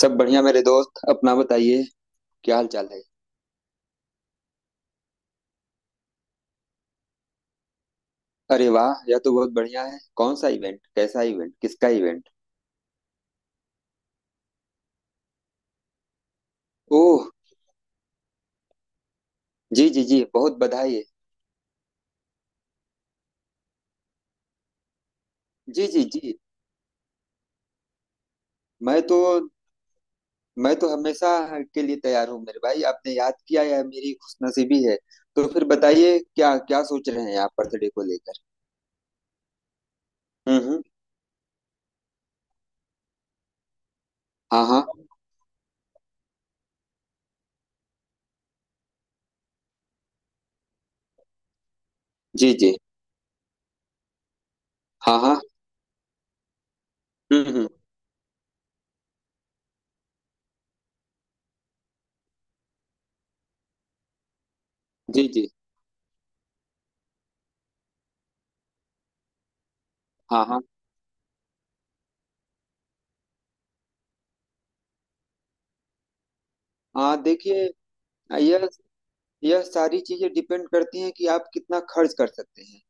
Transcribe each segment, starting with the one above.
सब बढ़िया मेरे दोस्त, अपना बताइए। क्या हाल चाल है? अरे वाह, यह तो बहुत बढ़िया है। कौन सा इवेंट, कैसा इवेंट, किसका इवेंट? ओह। जी जी जी, बहुत बधाई है। जी जी जी। मैं तो मैं तो हमेशा के लिए तैयार हूँ मेरे भाई। आपने याद किया, यह मेरी खुशनसीबी है। तो फिर बताइए, क्या क्या सोच रहे हैं आप बर्थडे को लेकर? हम्म। हाँ हाँ। जी जी। हाँ हाँ। हम्म। जी जी। हाँ हाँ। हाँ देखिए, यह यह सारी चीजें डिपेंड करती हैं कि आप कितना खर्च कर सकते हैं।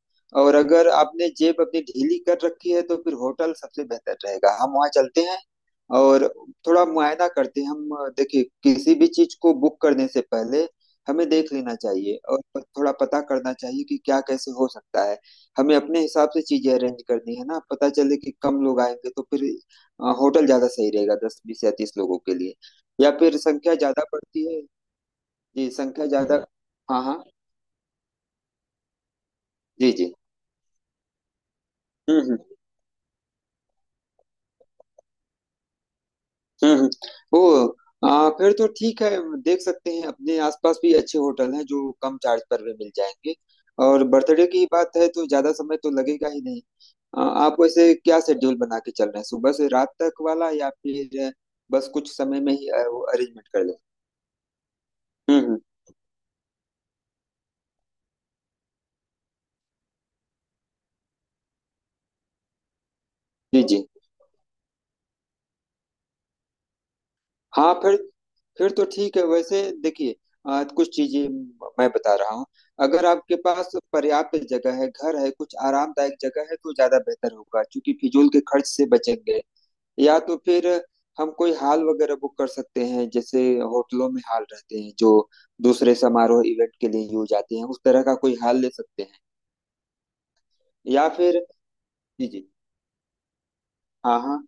और अगर आपने जेब अपनी ढीली कर रखी है तो फिर होटल सबसे बेहतर रहेगा, हम वहाँ चलते हैं और थोड़ा मुआयना करते हैं हम। देखिए, किसी भी चीज को बुक करने से पहले हमें देख लेना चाहिए और थोड़ा पता करना चाहिए कि क्या कैसे हो सकता है। हमें अपने हिसाब से चीजें अरेंज करनी है ना, पता चले कि कम लोग आएंगे तो फिर होटल ज्यादा सही रहेगा, 10 20 या 30 लोगों के लिए, या फिर संख्या ज्यादा पड़ती है। जी, संख्या ज्यादा। हाँ हाँ। जी जी। हम्म। हम्म हम्म। ओ। फिर तो ठीक है। देख सकते हैं, अपने आसपास भी अच्छे होटल हैं जो कम चार्ज पर भी मिल जाएंगे। और बर्थडे की बात है तो ज्यादा समय तो लगेगा ही नहीं। आप वैसे क्या शेड्यूल बना के चल रहे हैं, सुबह से रात तक वाला, या फिर बस कुछ समय में ही अरेंजमेंट कर लें? हम्म। जी जी। हाँ, फिर तो ठीक है वैसे। देखिए, कुछ चीजें मैं बता रहा हूँ। अगर आपके पास पर्याप्त जगह है, घर है, कुछ आरामदायक जगह है तो ज्यादा बेहतर होगा, क्योंकि फिजूल के खर्च से बचेंगे। या तो फिर हम कोई हॉल वगैरह बुक कर सकते हैं, जैसे होटलों में हॉल रहते हैं जो दूसरे समारोह इवेंट के लिए यूज आते हैं, उस तरह का कोई हॉल ले सकते हैं, या फिर। जी जी। हाँ हाँ।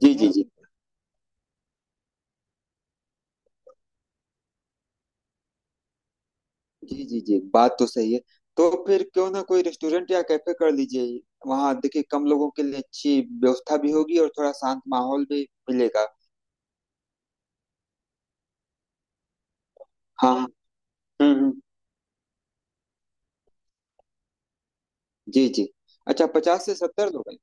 जी जी जी। जी जी जी, बात तो सही है। तो फिर क्यों ना कोई रेस्टोरेंट या कैफे कर लीजिए। वहां देखिए, कम लोगों के लिए अच्छी व्यवस्था भी होगी और थोड़ा शांत माहौल भी मिलेगा। हाँ हाँ, हम्म। जी जी। अच्छा, 50 से 70 लोग हैं।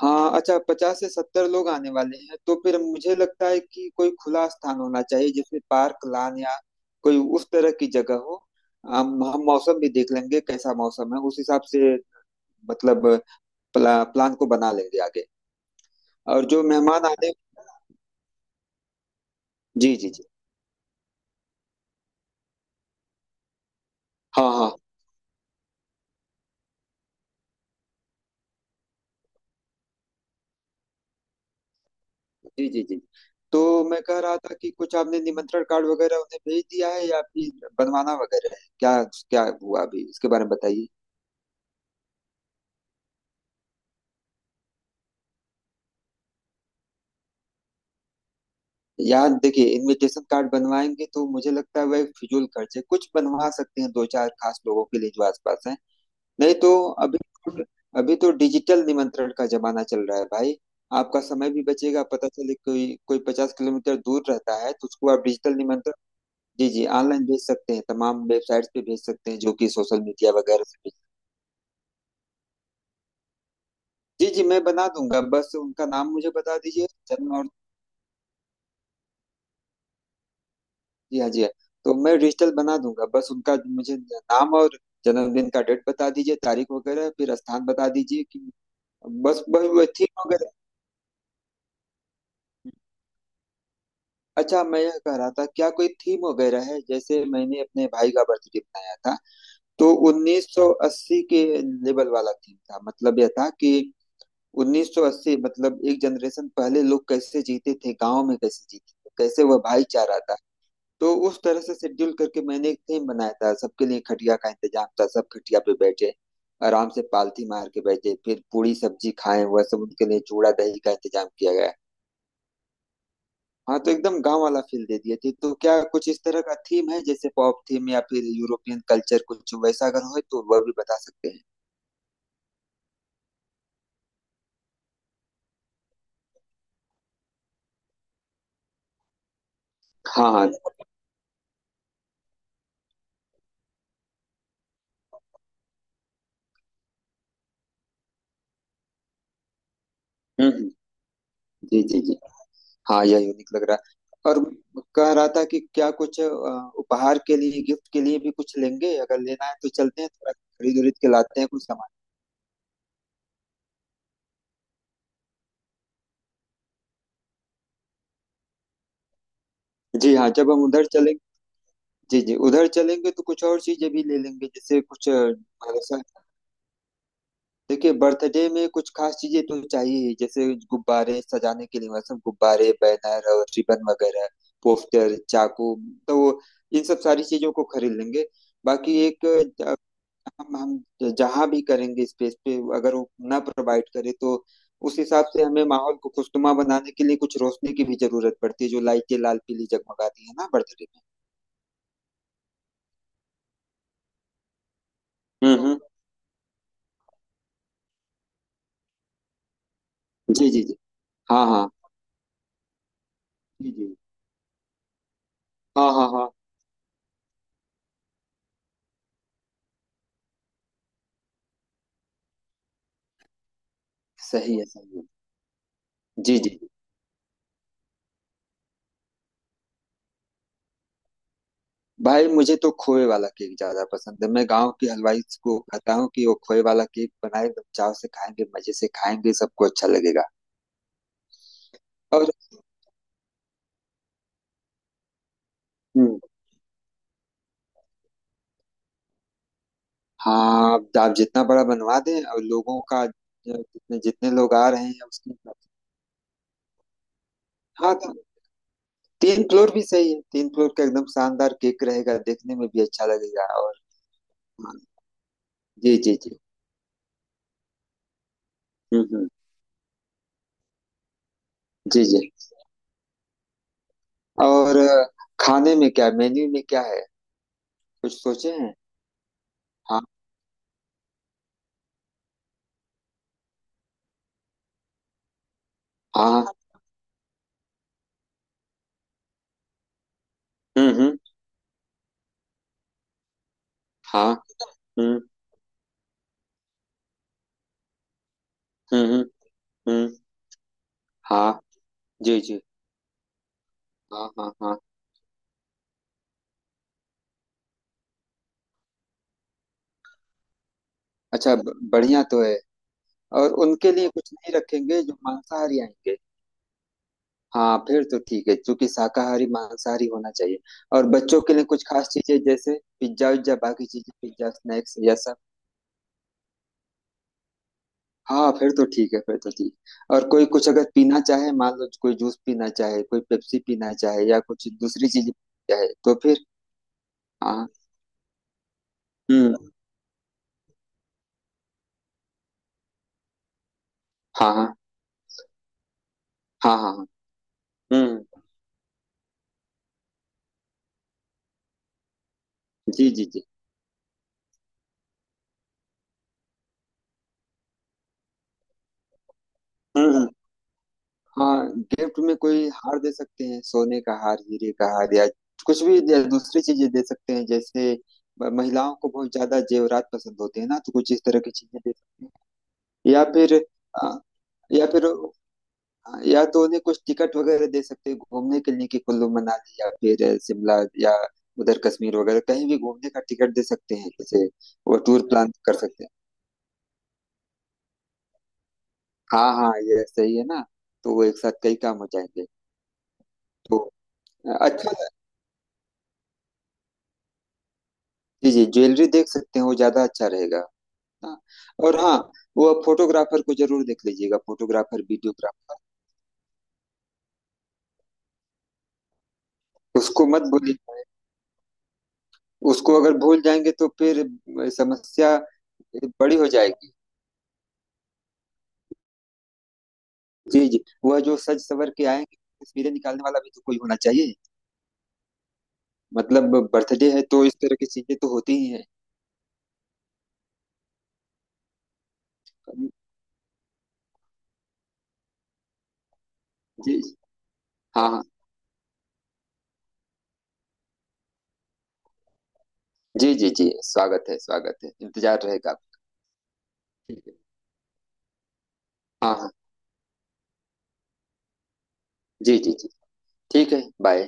हाँ अच्छा, 50 से 70 लोग आने वाले हैं, तो फिर मुझे लगता है कि कोई खुला स्थान होना चाहिए, जिसमें पार्क, लान या कोई उस तरह की जगह हो। हम मौसम भी देख लेंगे, कैसा मौसम है उस हिसाब से। मतलब प्लान को बना लेंगे आगे। और जो मेहमान आने। जी, जी, जी। हाँ, हाँ। जी, जी, जी। तो मैं कह रहा था कि कुछ आपने निमंत्रण कार्ड वगैरह उन्हें भेज दिया है या फिर बनवाना वगैरह है? क्या क्या हुआ अभी, इसके बारे में बताइए। यार देखिए, इनविटेशन कार्ड बनवाएंगे तो मुझे लगता है वह फिजूल खर्च है। कुछ बनवा सकते हैं दो चार खास लोगों के लिए जो आसपास हैं। नहीं तो अभी तो अभी तो डिजिटल निमंत्रण का जमाना चल रहा है भाई। आपका समय भी बचेगा, पता चले कोई कोई 50 किलोमीटर दूर रहता है तो उसको आप डिजिटल निमंत्रण, जी, जी, ऑनलाइन भेज सकते हैं, तमाम वेबसाइट्स पे भेज सकते हैं जो कि सोशल मीडिया वगैरह से भेज। जी, जी, मैं बना दूँगा, बस उनका नाम मुझे बता दीजिए, जन्म और जी हाँ, जी हाँ, तो मैं डिजिटल बना दूँगा, बस उनका मुझे नाम और जन्मदिन का डेट बता दीजिए, तारीख वगैरह, फिर स्थान बता दीजिए कि बस, वही वही थीम वगैरह। अच्छा, मैं यह कह रहा था, क्या कोई थीम वगैरह है? जैसे मैंने अपने भाई का बर्थडे मनाया था, तो 1980 के लेवल वाला थीम था, मतलब यह था कि 1980 मतलब एक जनरेशन पहले लोग कैसे जीते थे, गांव में कैसे जीते थे, कैसे वह भाईचारा था। तो उस तरह से शेड्यूल करके मैंने एक थीम बनाया था, सबके लिए खटिया का इंतजाम था, सब खटिया पे बैठे, आराम से पालथी मार के बैठे, फिर पूड़ी सब्जी खाएं, वह सब, उनके लिए चूड़ा दही का इंतजाम किया गया। हाँ, तो एकदम गांव वाला फील दे दिए थे। तो क्या कुछ इस तरह का थीम है, जैसे पॉप थीम या फिर यूरोपियन कल्चर, कुछ वैसा अगर हो तो वह भी बता सकते हैं। हाँ हाँ। हम्म हम्म, जी जी जी। हाँ, यह यूनिक लग रहा है। और कह रहा था कि क्या कुछ उपहार के लिए, गिफ्ट के लिए भी कुछ लेंगे, अगर लेना है तो चलते हैं, थोड़ा खरीद उरीद के लाते हैं कुछ सामान। जी हाँ, जब हम उधर चलेंगे। जी जी, उधर चलेंगे तो कुछ और चीजें भी ले लेंगे, जैसे कुछ मतलब ऐसा। देखिए, बर्थडे में कुछ खास चीजें तो चाहिए ही, जैसे गुब्बारे सजाने के लिए, मतलब गुब्बारे, बैनर और रिबन वगैरह, पोस्टर, चाकू, तो वो- इन सब सारी चीजों को खरीद लेंगे। बाकी एक हम जहां भी करेंगे स्पेस पे, अगर वो ना प्रोवाइड करे तो उस हिसाब से हमें माहौल को खुशनुमा बनाने के लिए कुछ रोशनी की भी जरूरत पड़ती है, जो लाइटें लाल पीली जगमगाती है ना बर्थडे में। हम्म। जी जी जी। हाँ हाँ। जी जी। हाँ हाँ हाँ। सही है, सही है। जी जी। भाई, मुझे तो खोए वाला केक ज्यादा पसंद है। मैं गांव के हलवाई को कहता हूँ कि वो खोए वाला केक बनाए, एकदम चाव से खाएंगे, मजे से खाएंगे, सबको अच्छा लगेगा। और हम्म। हाँ, आप जितना बड़ा बनवा दें, और लोगों का, जितने जितने लोग आ रहे हैं उसके हिसाब से। हाँ तो, तीन फ्लोर भी सही है, 3 फ्लोर का एकदम शानदार केक रहेगा, देखने में भी अच्छा लगेगा। और हाँ, जी जी जी। हम्म। जी जी। और खाने में क्या, मेन्यू में क्या है, कुछ सोचे हैं? हाँ हाँ। हम्म। हाँ। हम्म हम्म। हम्म, हाँ। जी जी। हाँ हाँ हाँ। अच्छा, बढ़िया तो है। और उनके लिए कुछ नहीं रखेंगे जो मांसाहारी आएंगे? हाँ, फिर तो ठीक है, क्योंकि शाकाहारी मांसाहारी होना चाहिए। और बच्चों के लिए कुछ खास चीजें जैसे पिज्जा उज्जा, बाकी चीजें पिज्जा स्नैक्स या सब। हाँ, फिर तो ठीक है, फिर तो ठीक। और कोई कुछ अगर पीना चाहे, मान लो कोई जूस पीना चाहे, कोई पेप्सी पीना चाहे या कुछ दूसरी चीज चाहे तो फिर। हाँ। हम्म। हाँ हाँ। हाँ हाँ। हाँ, हम्म। जी जी जी। हम्म हम्म। हाँ, गिफ्ट में कोई हार दे सकते हैं, सोने का हार, हीरे का हार, या कुछ भी दूसरी चीजें दे सकते हैं, जैसे महिलाओं को बहुत ज्यादा जेवरात पसंद होते हैं ना, तो कुछ इस तरह की चीजें दे सकते हैं। या फिर अ, या फिर अ, या तो उन्हें कुछ टिकट वगैरह दे सकते हैं घूमने के लिए, कि कुल्लू मनाली या फिर शिमला, या उधर कश्मीर वगैरह कहीं भी घूमने का टिकट दे सकते हैं जैसे। वो टूर प्लान कर सकते हैं। हाँ हाँ, ये सही है ना, तो वो एक साथ कई काम हो जाएंगे। तो अच्छा। जी जी, ज्वेलरी देख सकते हैं, वो ज्यादा अच्छा रहेगा। हाँ। और हाँ, वो फोटोग्राफर को जरूर देख लीजिएगा, फोटोग्राफर, वीडियोग्राफर। उसको मत भूलिए। उसको अगर भूल जाएंगे तो फिर समस्या बड़ी हो जाएगी। जी जी, वह जो सज सवर के आएंगे, तस्वीरें निकालने वाला भी तो कोई होना चाहिए। मतलब बर्थडे है तो इस तरह की चीजें तो होती ही है। जी जी। हाँ हाँ। जी जी जी, स्वागत है, स्वागत है, इंतजार रहेगा आपका। ठीक है। हाँ हाँ। जी जी जी। ठीक है, बाय।